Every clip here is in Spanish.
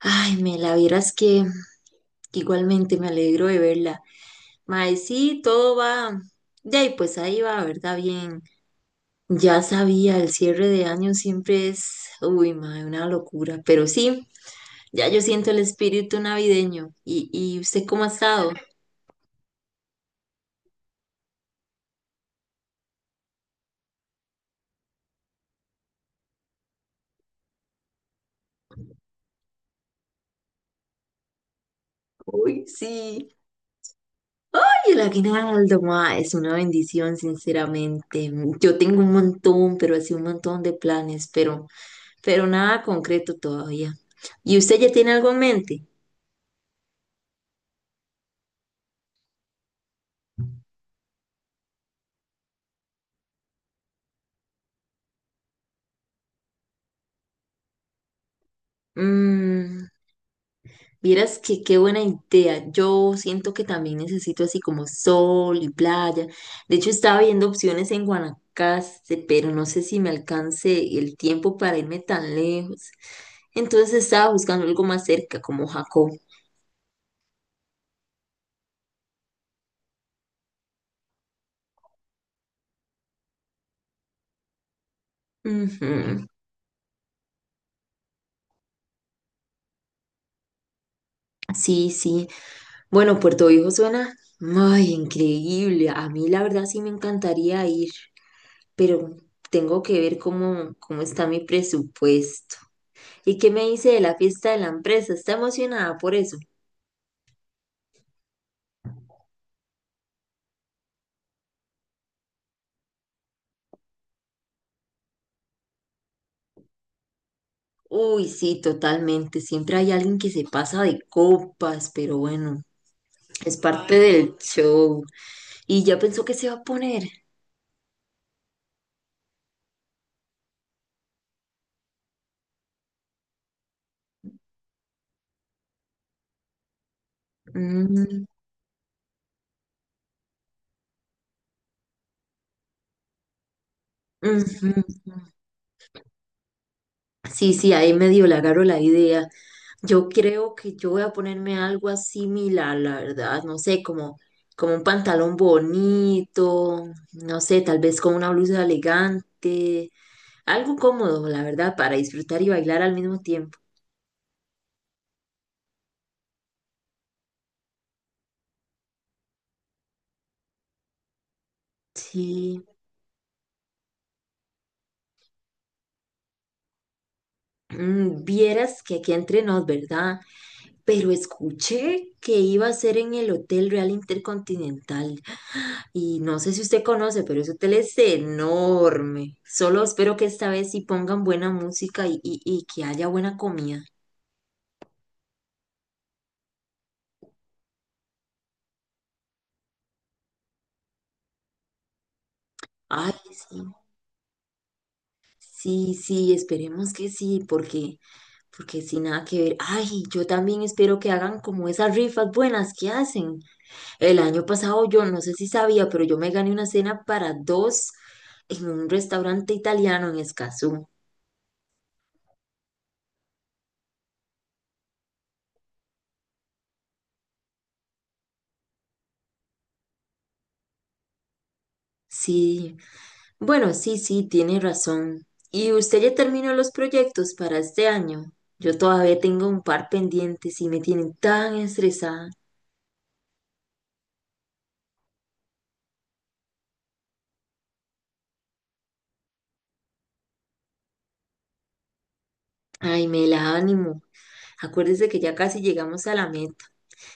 Ay, me la vieras que igualmente me alegro de verla. Mae, sí, todo va. De ahí, pues ahí va, ¿verdad? Bien. Ya sabía, el cierre de año siempre es, uy, mae, una locura. Pero sí, ya yo siento el espíritu navideño. ¿Y, usted cómo ha estado? Uy, sí. Ay, el aguinaldo, ma, es una bendición, sinceramente. Yo tengo un montón, pero así un montón de planes, pero nada concreto todavía. ¿Y usted ya tiene algo en mente? Mm, vieras que qué buena idea. Yo siento que también necesito así como sol y playa. De hecho, estaba viendo opciones en Guanacaste, pero no sé si me alcance el tiempo para irme tan lejos. Entonces estaba buscando algo más cerca, como Jacó. Ujú. Sí, sí. Bueno, Puerto Viejo suena, ay, increíble. A mí la verdad sí me encantaría ir, pero tengo que ver cómo está mi presupuesto. ¿Y qué me dice de la fiesta de la empresa? ¿Está emocionada por eso? Uy, sí, totalmente. Siempre hay alguien que se pasa de copas, pero bueno, es parte del no. Show. ¿Y ya pensó que se va a poner? Mm, ujú. Sí, sí, ahí medio le agarro la idea. Yo creo que yo voy a ponerme algo similar, la verdad. No sé, como un pantalón bonito, no sé, tal vez con una blusa elegante. Algo cómodo, la verdad, para disfrutar y bailar al mismo tiempo. Sí, mm, vieras que aquí entre nos, ¿verdad? Pero escuché que iba a ser en el Hotel Real Intercontinental y no sé si usted conoce, pero ese hotel es enorme. Solo espero que esta vez sí pongan buena música y que haya buena comida. Ay, sí, sí, sí, esperemos que sí, porque... Porque sin nada que ver. Ay, yo también espero que hagan como esas rifas buenas que hacen. El año pasado yo no sé si sabía, pero yo me gané una cena para dos en un restaurante italiano en Escazú. Sí, bueno, sí, sí, tiene razón. ¿Y usted ya terminó los proyectos para este año? Yo todavía tengo un par pendientes y me tienen tan estresada. Ay, me la ánimo. Acuérdese que ya casi llegamos a la meta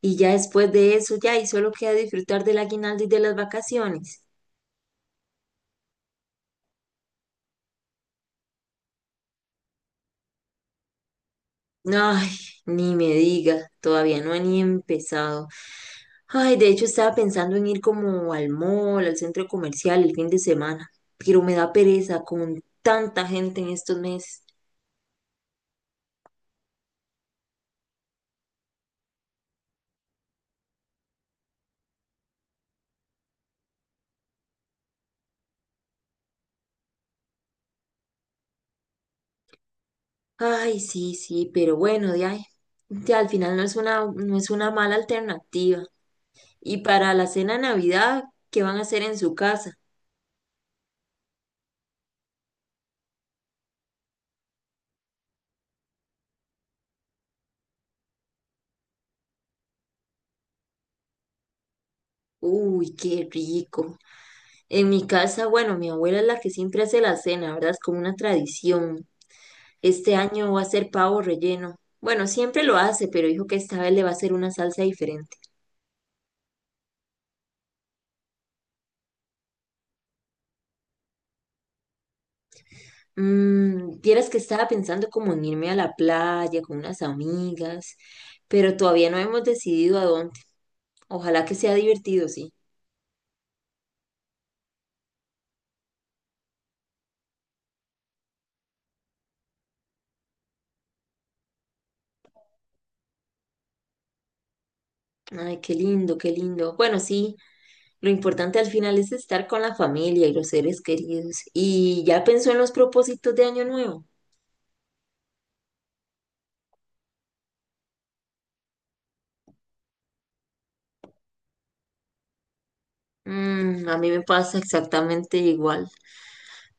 y ya después de eso ya y solo queda disfrutar del aguinaldo y de las vacaciones. Ay, ni me digas, todavía no he ni empezado. Ay, de hecho estaba pensando en ir como al mall, al centro comercial el fin de semana, pero me da pereza con tanta gente en estos meses. Ay, sí, sí, pero bueno, de ahí, ya al final no es una mala alternativa. Y para la cena de Navidad, ¿qué van a hacer en su casa? Uy, qué rico. En mi casa, bueno, mi abuela es la que siempre hace la cena, ¿verdad? Es como una tradición. Este año va a ser pavo relleno. Bueno, siempre lo hace, pero dijo que esta vez le va a hacer una salsa diferente. Mm, vieras que estaba pensando como en irme a la playa con unas amigas, pero todavía no hemos decidido a dónde. Ojalá que sea divertido, sí. Ay, qué lindo, qué lindo. Bueno, sí, lo importante al final es estar con la familia y los seres queridos. ¿Y ya pensó en los propósitos de año nuevo? Mm, a mí me pasa exactamente igual.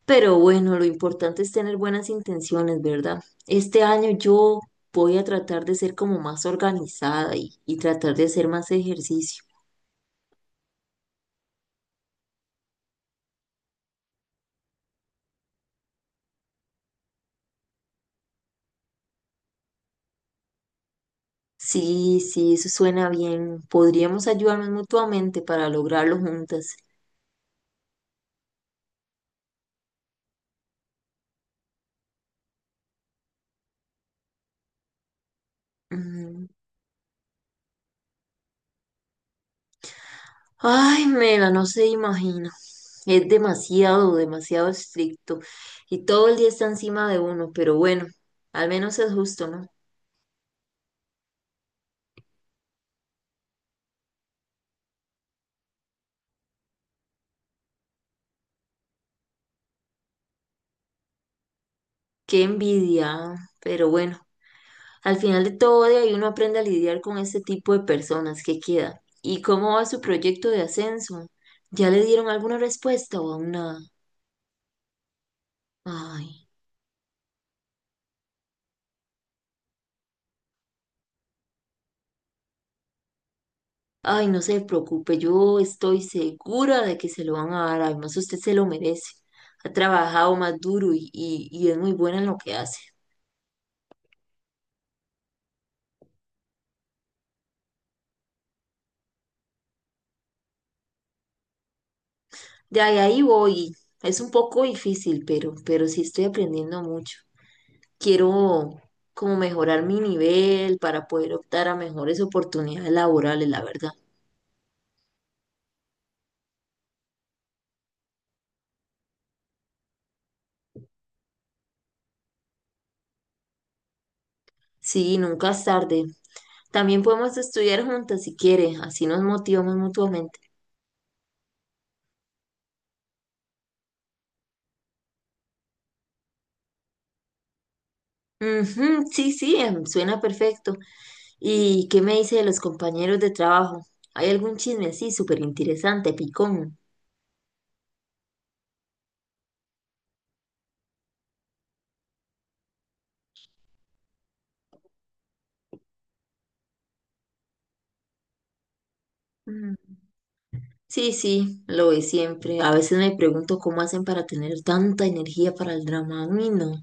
Pero bueno, lo importante es tener buenas intenciones, ¿verdad? Este año yo voy a tratar de ser como más organizada y tratar de hacer más ejercicio. Sí, sí, eso suena bien. Podríamos ayudarnos mutuamente para lograrlo juntas. Mm. Ay, Mela, no se imagina. Es demasiado, demasiado estricto. Y todo el día está encima de uno, pero bueno, al menos es justo, ¿no? Qué envidia, ah, pero bueno. Al final de todo, de ahí uno aprende a lidiar con este tipo de personas que queda. ¿Y cómo va su proyecto de ascenso? ¿Ya le dieron alguna respuesta o aún nada? Ay, ay, no se preocupe, yo estoy segura de que se lo van a dar. Además, usted se lo merece. Ha trabajado más duro y es muy buena en lo que hace. De ahí, ahí voy. Es un poco difícil, pero sí estoy aprendiendo mucho. Quiero como mejorar mi nivel para poder optar a mejores oportunidades laborales, la verdad. Sí, nunca es tarde. También podemos estudiar juntas si quiere, así nos motivamos mutuamente. Ujú, sí, sí, suena perfecto. ¿Y qué me dice de los compañeros de trabajo? ¿Hay algún chisme así súper interesante, picón? Mm. Sí, sí, lo ve siempre. A veces me pregunto cómo hacen para tener tanta energía para el drama. Uy, no.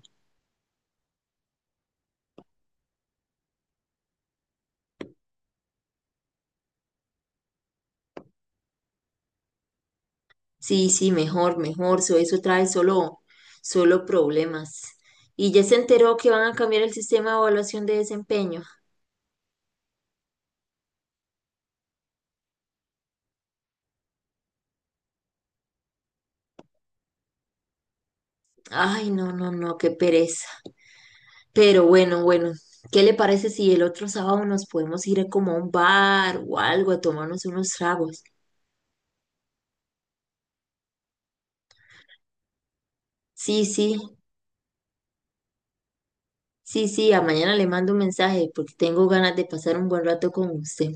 Sí, sí, mejor, mejor. So, eso trae solo problemas. ¿Y ya se enteró que van a cambiar el sistema de evaluación de desempeño? Ay, no, no, no, qué pereza. Pero bueno, bueno, ¿qué le parece si el otro sábado nos podemos ir como a un bar o algo a tomarnos unos tragos? Sí, sí, sí, sí, a mañana le mando un mensaje porque tengo ganas de pasar un buen rato con usted.